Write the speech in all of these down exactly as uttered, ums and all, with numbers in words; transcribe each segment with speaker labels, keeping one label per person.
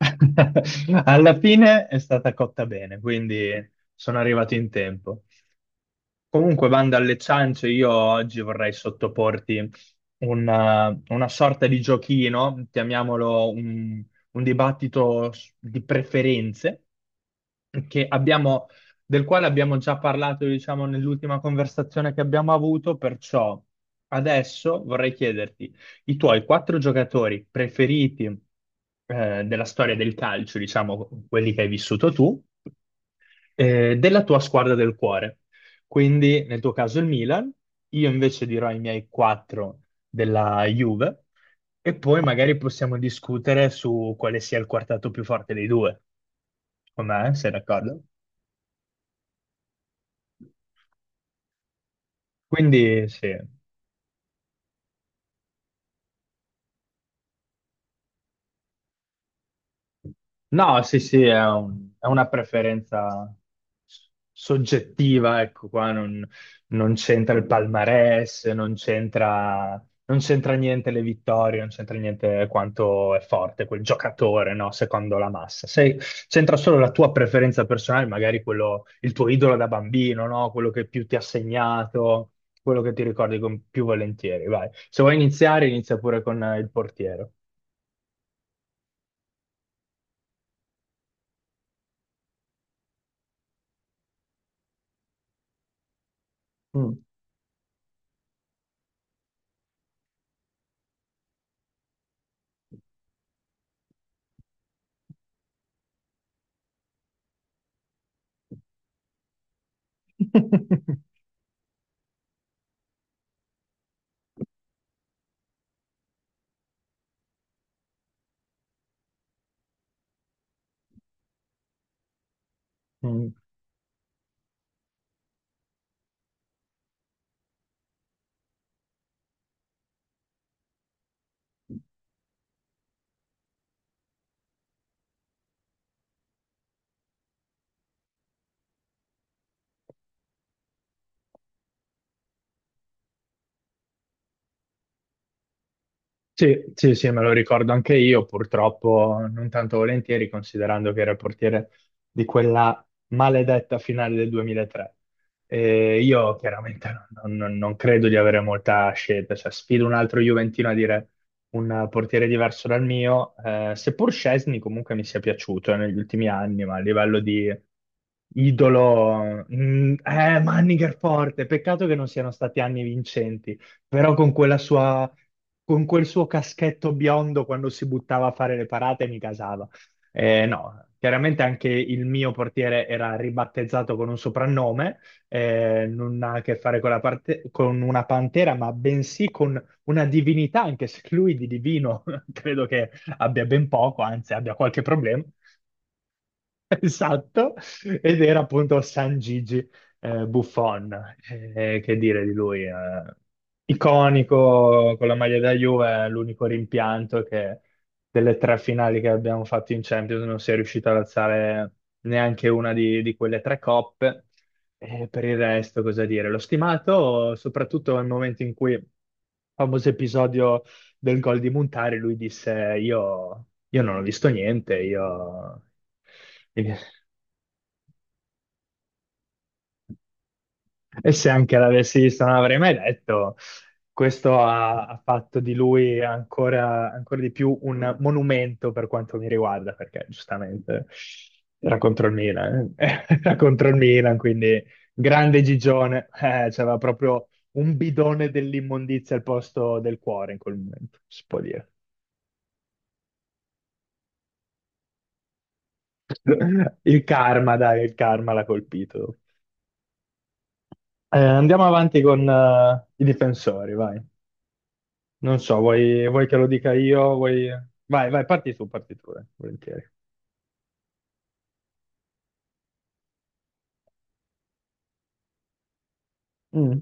Speaker 1: Alla fine è stata cotta bene, quindi sono arrivato in tempo. Comunque, bando alle ciance, io oggi vorrei sottoporti una, una sorta di giochino, chiamiamolo un, un dibattito s- di preferenze, che abbiamo- del quale abbiamo già parlato, diciamo, nell'ultima conversazione che abbiamo avuto, perciò adesso vorrei chiederti i tuoi quattro giocatori preferiti, eh, della storia del calcio, diciamo, quelli che hai vissuto tu, eh, della tua squadra del cuore. Quindi nel tuo caso il Milan, io invece dirò i miei quattro della Juve e poi magari possiamo discutere su quale sia il quartetto più forte dei due, con me, sei d'accordo? Quindi sì. No, sì, sì, è un- è una preferenza s- soggettiva, ecco qua, non, non c'entra il palmarès, non c'entra non c'entra niente le vittorie, non c'entra niente quanto è forte quel giocatore, no, secondo la massa. Se- c'entra solo la tua preferenza personale, magari quello, il tuo idolo da bambino, no, quello che più ti ha segnato, quello che ti ricordi con più volentieri, vai. Se vuoi iniziare, inizia pure con eh, il portiere. Mm. Mm. Sì, sì, sì, me lo ricordo anche io, purtroppo non tanto volentieri, considerando che era il portiere di quella maledetta finale del duemilatre. E io chiaramente non, non- non credo di avere molta scelta, cioè sfido un altro Juventino a dire un portiere diverso dal mio, eh, seppur Szczesny comunque mi sia piaciuto eh, negli ultimi anni, ma a livello di idolo, mm, eh, Manninger forte, peccato che non siano stati anni vincenti però con quella sua, con quel suo caschetto biondo quando si buttava a fare le parate mi casava. Eh, no, chiaramente anche il mio portiere era ribattezzato con un soprannome, eh, non ha a che fare con la parte- con una pantera, ma bensì con una divinità, anche se lui di divino credo che abbia ben poco, anzi abbia qualche problema. Esatto, ed era appunto San Gigi eh, Buffon. Eh, che dire di lui, eh, iconico con la maglia da Juve, l'unico rimpianto è che delle tre finali che abbiamo fatto in Champions non si è riuscito ad alzare neanche una di, di quelle tre coppe. Eh, per il resto cosa dire, l'ho stimato soprattutto nel momento in cui, famoso episodio del gol di Montari, lui disse: Io, io non ho visto niente, io. E se anche l'avessi visto, non l'avrei mai detto. Questo ha, ha fatto di lui ancora, ancora di più un monumento per quanto mi riguarda, perché giustamente era contro il Milan, eh. Era contro il Milan, quindi grande Gigione, eh, c'aveva proprio un bidone dell'immondizia al posto del cuore in quel momento, si può dire. Il karma, dai, il karma l'ha colpito. Eh, andiamo avanti con eh, i difensori, vai. Non so, vuoi, vuoi che lo dica io? Vuoi... Vai, vai, parti tu, parti tu, eh, volentieri. Mm.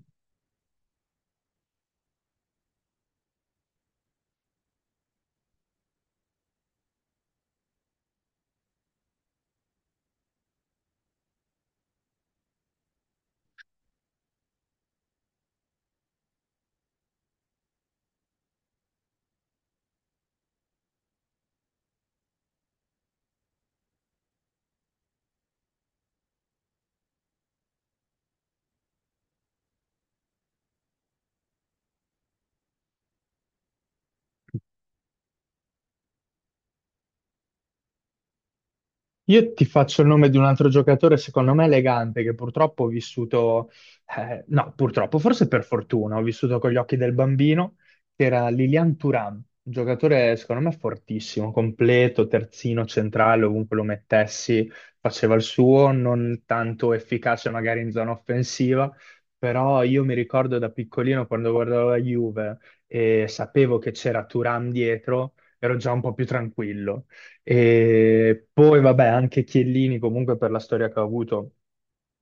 Speaker 1: Io ti faccio il nome di un altro giocatore, secondo me elegante, che purtroppo ho vissuto, eh, no, purtroppo, forse per fortuna, ho vissuto con gli occhi del bambino, che era Lilian Thuram, un giocatore secondo me fortissimo, completo, terzino, centrale, ovunque lo mettessi, faceva il suo, non tanto efficace magari in zona offensiva, però io mi ricordo da piccolino quando guardavo la Juve e sapevo che c'era Thuram dietro, ero già un po' più tranquillo e poi, vabbè, anche Chiellini, comunque, per la storia che ha avuto,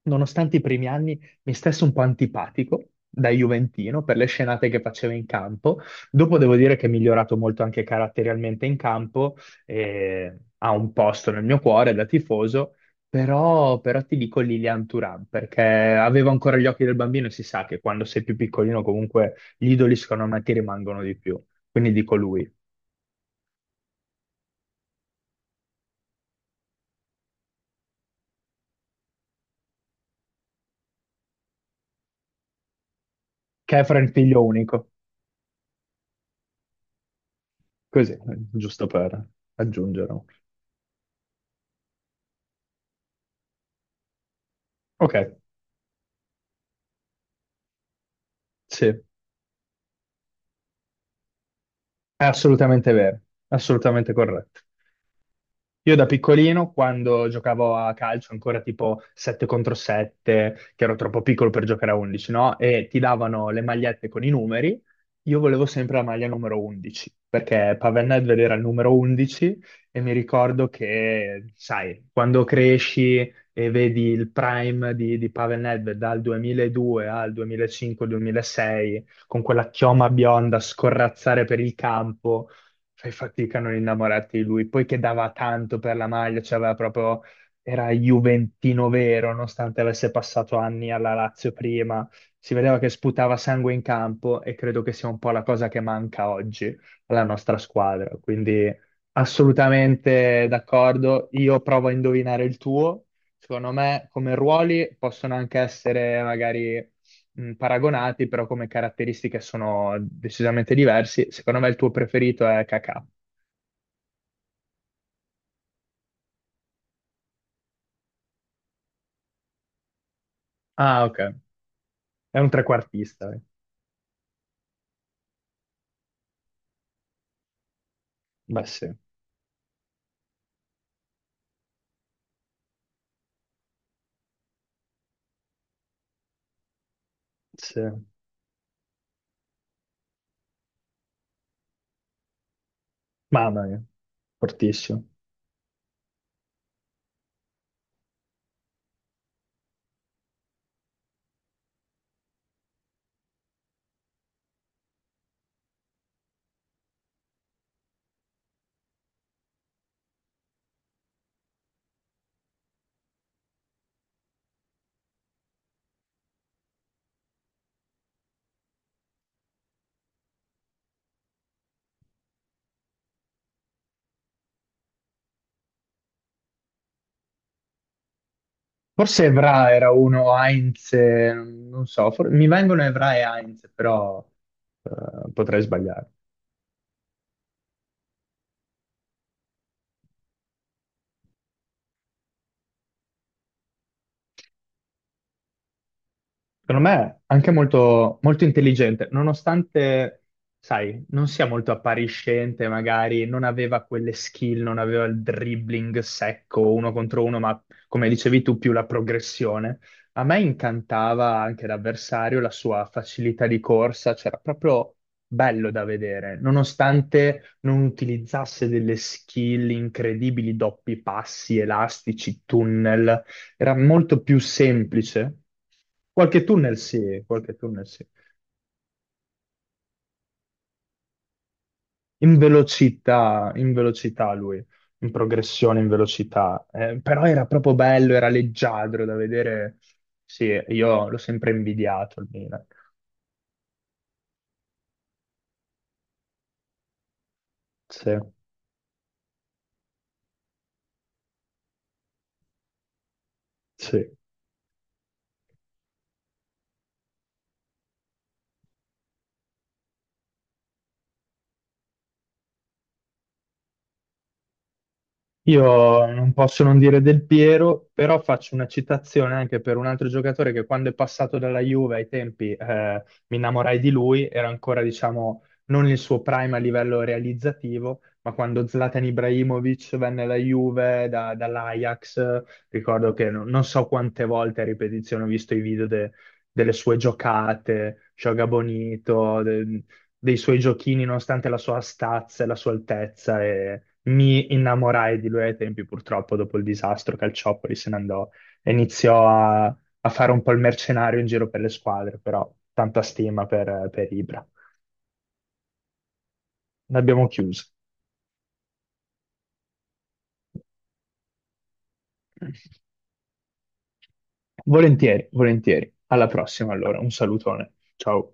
Speaker 1: nonostante i primi anni, mi stesse un po' antipatico da Juventino per le scenate che faceva in campo. Dopo devo dire che è migliorato molto anche caratterialmente in campo e ha un posto nel mio cuore da tifoso. Però, però ti dico Lilian Thuram perché avevo ancora gli occhi del bambino e si sa che quando sei più piccolino comunque gli idoli secondo me ti rimangono di più. Quindi dico lui, che è fra il figlio unico. Così, eh, giusto per aggiungere. Ok, sì, è assolutamente vero, assolutamente corretto. Io da piccolino, quando giocavo a calcio, ancora tipo sette contro sette, che ero troppo piccolo per giocare a undici, no? E ti davano le magliette con i numeri, io volevo sempre la maglia numero undici, perché Pavel Nedved era il numero undici e mi ricordo che, sai, quando cresci e vedi il prime di, di Pavel Nedved dal duemiladue al duemilacinque-duemilasei, con quella chioma bionda scorrazzare per il campo, fai fatica a non innamorarti di lui. Poi che dava tanto per la maglia, cioè aveva proprio, era Juventino vero, nonostante avesse passato anni alla Lazio prima. Si vedeva che sputava sangue in campo e credo che sia un po' la cosa che manca oggi alla nostra squadra. Quindi assolutamente d'accordo. Io provo a indovinare il tuo. Secondo me, come ruoli possono anche essere magari mh, paragonati, però come caratteristiche sono decisamente diversi. Secondo me il tuo preferito è Kakà. Ah, ok. È un trequartista. Eh. Beh, sì, sì. Mamma mia, fortissimo. Forse Evra era uno, Heinz, eh, non so, for- mi vengono Evra e Heinz, però... Eh, potrei sbagliare. Secondo me anche molto, molto intelligente, nonostante, sai, non sia molto appariscente, magari non aveva quelle skill, non aveva il dribbling secco uno contro uno, ma come dicevi tu, più la progressione. A me incantava anche l'avversario, la sua facilità di corsa, c'era proprio bello da vedere, nonostante non utilizzasse delle skill incredibili, doppi passi, elastici, tunnel era molto più semplice. Qualche tunnel sì, qualche tunnel sì. In velocità, in velocità lui, in progressione, in velocità. Eh, però era proprio bello, era leggiadro da vedere. Sì, io l'ho sempre invidiato il Milan. Sì, sì. Io non posso non dire Del Piero, però faccio una citazione anche per un altro giocatore che quando è passato dalla Juve ai tempi eh, mi innamorai di lui, era ancora diciamo non il suo prime a livello realizzativo, ma quando Zlatan Ibrahimovic venne alla Juve da- dall'Ajax, eh, ricordo che non, non so quante volte a ripetizione ho visto i video de- delle sue giocate, Joga Bonito, dei suoi giochini, nonostante la sua stazza e la sua altezza, e mi innamorai di lui ai tempi, purtroppo, dopo il disastro, Calciopoli se ne andò e iniziò a, a fare un po' il mercenario in giro per le squadre, però tanta stima per, per Ibra. L'abbiamo chiuso. Volentieri, volentieri. Alla prossima, allora. Un salutone. Ciao.